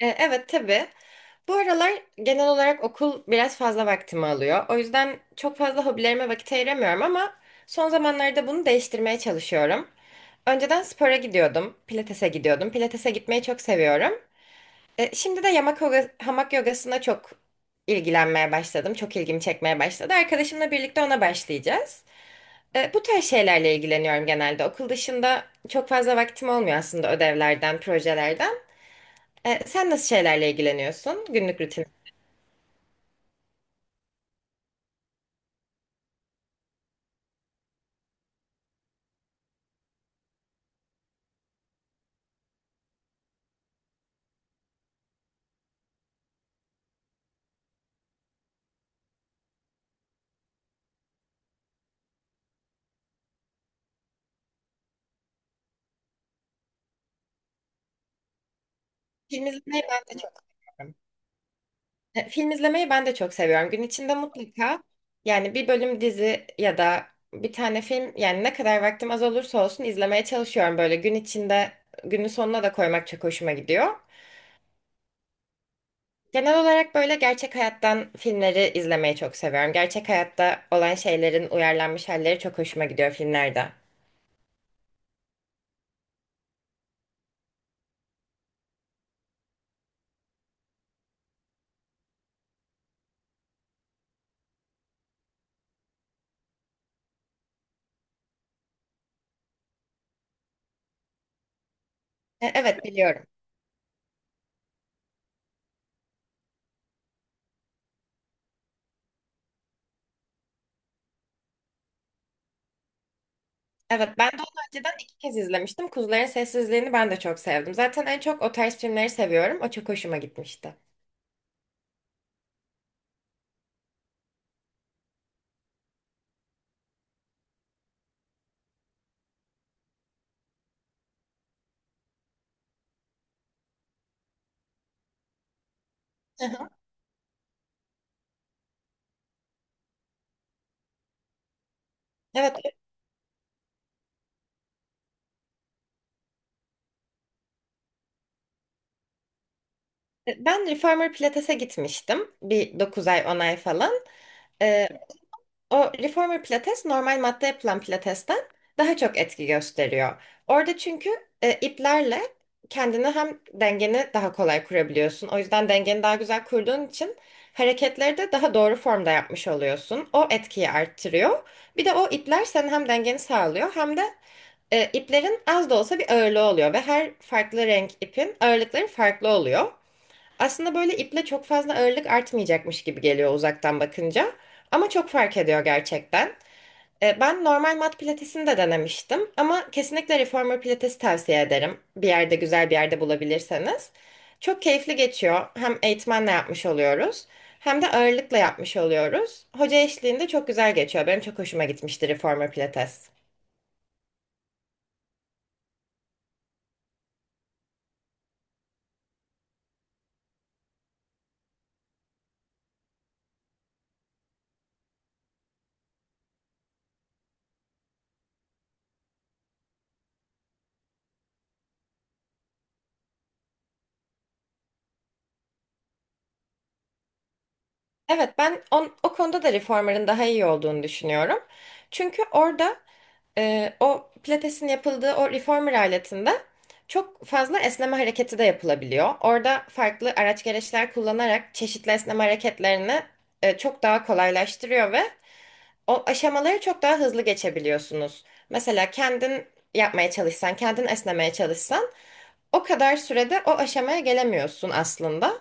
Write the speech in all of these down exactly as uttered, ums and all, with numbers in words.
E, Evet, tabii. Bu aralar genel olarak okul biraz fazla vaktimi alıyor. O yüzden çok fazla hobilerime vakit ayıramıyorum ama son zamanlarda bunu değiştirmeye çalışıyorum. Önceden spora gidiyordum, pilatese gidiyordum. Pilatese gitmeyi çok seviyorum. E, şimdi de yamak yoga, hamak yogasına çok ilgilenmeye başladım. Çok ilgimi çekmeye başladı. Arkadaşımla birlikte ona başlayacağız. E, bu tarz şeylerle ilgileniyorum genelde. Okul dışında çok fazla vaktim olmuyor aslında, ödevlerden, projelerden. E, sen nasıl şeylerle ilgileniyorsun, günlük rutin? Film izlemeyi ben de çok seviyorum. E, Film izlemeyi ben de çok seviyorum. Gün içinde mutlaka, yani bir bölüm dizi ya da bir tane film, yani ne kadar vaktim az olursa olsun izlemeye çalışıyorum, böyle gün içinde günün sonuna da koymak çok hoşuma gidiyor. Genel olarak böyle gerçek hayattan filmleri izlemeyi çok seviyorum. Gerçek hayatta olan şeylerin uyarlanmış halleri çok hoşuma gidiyor filmlerde. E, Evet, biliyorum. Evet, ben de onu önceden iki kez izlemiştim. Kuzuların Sessizliğini ben de çok sevdim. Zaten en çok o tarz filmleri seviyorum. O çok hoşuma gitmişti. Hı hı. Evet, e, ben Reformer Pilates'e gitmiştim. Bir dokuz ay on ay falan. O reformer pilates normal matta yapılan pilatesten daha çok etki gösteriyor. Orada çünkü e, iplerle kendini, hem dengeni daha kolay kurabiliyorsun. O yüzden dengeni daha güzel kurduğun için hareketleri de daha doğru formda yapmış oluyorsun. O etkiyi arttırıyor. Bir de o ipler senin hem dengeni sağlıyor hem de e, iplerin az da olsa bir ağırlığı oluyor ve her farklı renk ipin ağırlıkları farklı oluyor. Aslında böyle iple çok fazla ağırlık artmayacakmış gibi geliyor uzaktan bakınca. Ama çok fark ediyor gerçekten. E, Ben normal mat pilatesini de denemiştim. Ama kesinlikle reformer pilatesi tavsiye ederim. Bir yerde, güzel bir yerde bulabilirseniz. Çok keyifli geçiyor. Hem eğitmenle yapmış oluyoruz. Hem de ağırlıkla yapmış oluyoruz. Hoca eşliğinde çok güzel geçiyor. Benim çok hoşuma gitmişti reformer pilates. Evet, ben on- o konuda da reformer'ın daha iyi olduğunu düşünüyorum. Çünkü orada, Ee, o pilatesin yapıldığı o reformer aletinde çok fazla esneme hareketi de yapılabiliyor. Orada farklı araç gereçler kullanarak çeşitli esneme hareketlerini e, çok daha kolaylaştırıyor ve o aşamaları çok daha hızlı geçebiliyorsunuz. Mesela kendin yapmaya çalışsan, kendin esnemeye çalışsan o kadar sürede o aşamaya gelemiyorsun aslında.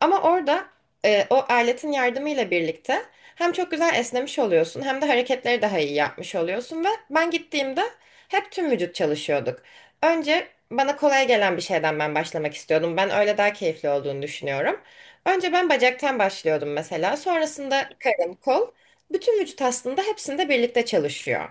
Ama orada e, o aletin yardımıyla birlikte hem çok güzel esnemiş oluyorsun hem de hareketleri daha iyi yapmış oluyorsun ve ben gittiğimde hep tüm vücut çalışıyorduk. Önce bana kolay gelen bir şeyden ben başlamak istiyordum. Ben öyle daha keyifli olduğunu düşünüyorum. Önce ben bacaktan başlıyordum mesela. Sonrasında karın, kol. Bütün vücut aslında hepsinde birlikte çalışıyor.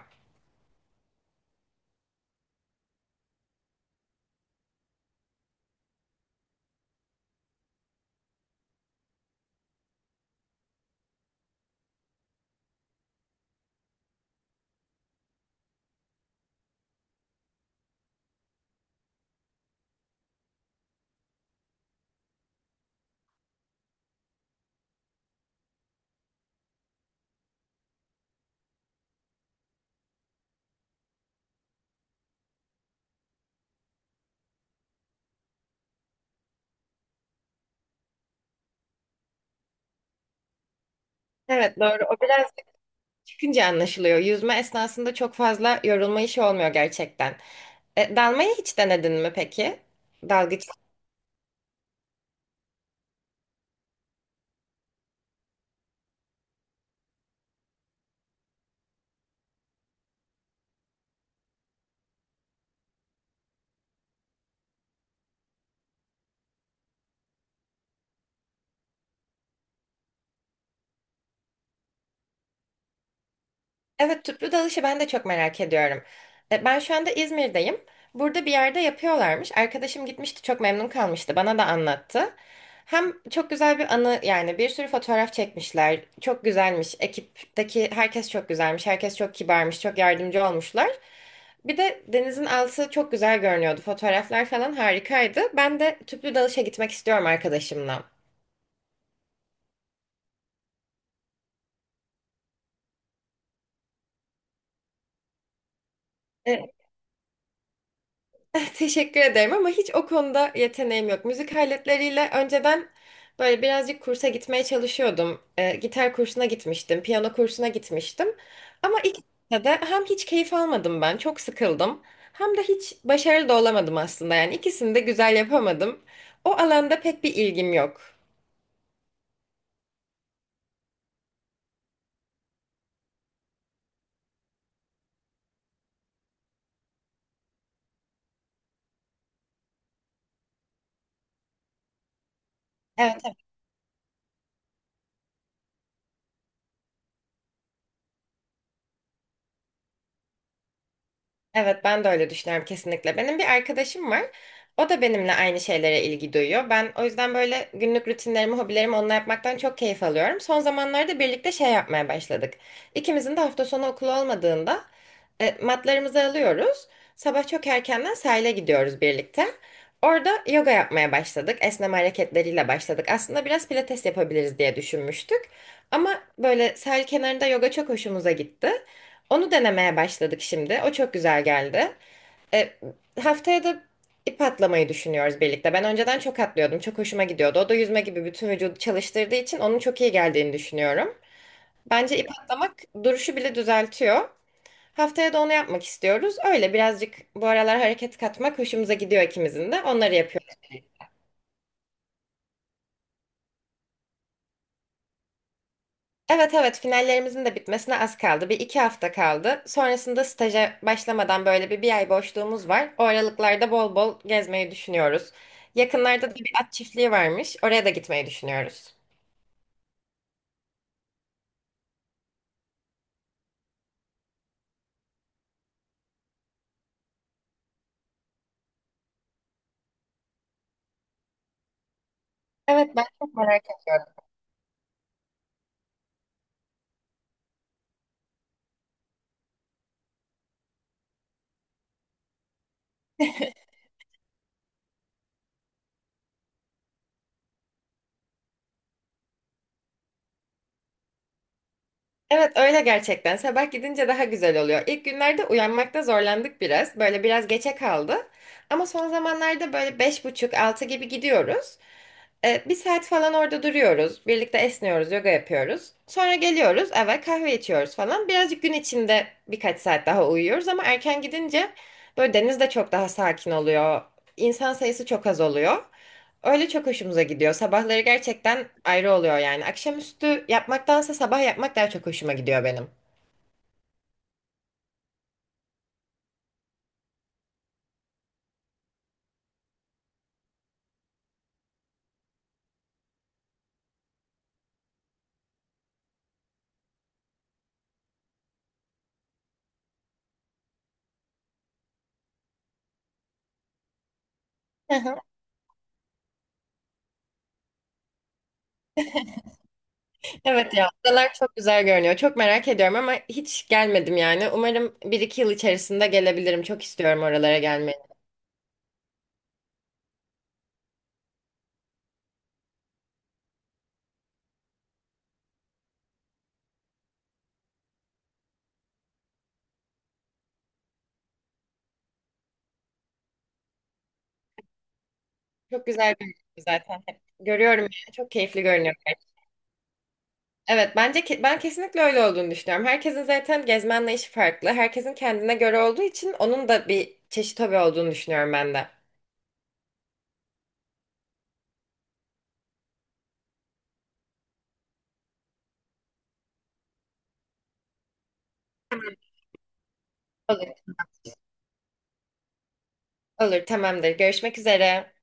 Evet, doğru. O biraz çıkınca anlaşılıyor. Yüzme esnasında çok fazla yorulma işi olmuyor gerçekten. E, dalmayı hiç denedin mi peki? Dalgıç. Evet, tüplü dalışı ben de çok merak ediyorum. E, ben şu anda İzmir'deyim. Burada bir yerde yapıyorlarmış. Arkadaşım gitmişti, çok memnun kalmıştı. Bana da anlattı. Hem çok güzel bir anı, yani bir sürü fotoğraf çekmişler. Çok güzelmiş. Ekipteki herkes çok güzelmiş. Herkes çok kibarmış. Çok yardımcı olmuşlar. Bir de denizin altı çok güzel görünüyordu. Fotoğraflar falan harikaydı. Ben de tüplü dalışa gitmek istiyorum arkadaşımla. E, Teşekkür ederim ama hiç o konuda yeteneğim yok. Müzik aletleriyle önceden böyle birazcık kursa gitmeye çalışıyordum. E, gitar kursuna gitmiştim, piyano kursuna gitmiştim. Ama ikisinde de hem hiç keyif almadım ben, çok sıkıldım. Hem de hiç başarılı da olamadım aslında. Yani ikisini de güzel yapamadım. O alanda pek bir ilgim yok. Evet. Evet, ben de öyle düşünüyorum kesinlikle. Benim bir arkadaşım var. O da benimle aynı şeylere ilgi duyuyor. Ben o yüzden böyle günlük rutinlerimi, hobilerimi onunla yapmaktan çok keyif alıyorum. Son zamanlarda birlikte şey yapmaya başladık. İkimizin de hafta sonu okulu olmadığında e, matlarımızı alıyoruz. Sabah çok erkenden sahile gidiyoruz birlikte. Orada yoga yapmaya başladık. Esneme hareketleriyle başladık. Aslında biraz pilates yapabiliriz diye düşünmüştük. Ama böyle sahil kenarında yoga çok hoşumuza gitti. Onu denemeye başladık şimdi. O çok güzel geldi. E, Haftaya da ip atlamayı düşünüyoruz birlikte. Ben önceden çok atlıyordum. Çok hoşuma gidiyordu. O da yüzme gibi bütün vücudu çalıştırdığı için onun çok iyi geldiğini düşünüyorum. Bence ip atlamak duruşu bile düzeltiyor. Haftaya da onu yapmak istiyoruz. Öyle birazcık bu aralar hareket katmak hoşumuza gidiyor ikimizin de. Onları yapıyoruz. Evet, evet, finallerimizin de bitmesine az kaldı. Bir iki hafta kaldı. Sonrasında staja başlamadan böyle bir, bir ay boşluğumuz var. O aralıklarda bol bol gezmeyi düşünüyoruz. Yakınlarda da bir at çiftliği varmış. Oraya da gitmeyi düşünüyoruz. Evet, ben çok merak ediyorum. Evet, öyle gerçekten. Sabah gidince daha güzel oluyor. İlk günlerde uyanmakta zorlandık biraz. Böyle biraz geçe kaldı. Ama son zamanlarda böyle beş buçuk altı gibi gidiyoruz. E, bir saat falan orada duruyoruz. Birlikte esniyoruz, yoga yapıyoruz. Sonra geliyoruz eve, kahve içiyoruz falan. Birazcık gün içinde birkaç saat daha uyuyoruz ama erken gidince böyle deniz de çok daha sakin oluyor. İnsan sayısı çok az oluyor. Öyle çok hoşumuza gidiyor. Sabahları gerçekten ayrı oluyor yani. Akşamüstü yapmaktansa sabah yapmak daha çok hoşuma gidiyor benim. Hı hı. Evet ya, adalar çok güzel görünüyor. Çok merak ediyorum ama hiç gelmedim yani. Umarım bir iki yıl içerisinde gelebilirim. Çok istiyorum oralara gelmeyi. Çok güzel görünüyor zaten. Görüyorum yani. Çok keyifli görünüyor. Evet, bence ke- ben kesinlikle öyle olduğunu düşünüyorum. Herkesin zaten gezme anlayışı farklı. Herkesin kendine göre olduğu için onun da bir çeşit hobi olduğunu düşünüyorum ben de. Olur. Olur, tamamdır. Görüşmek üzere.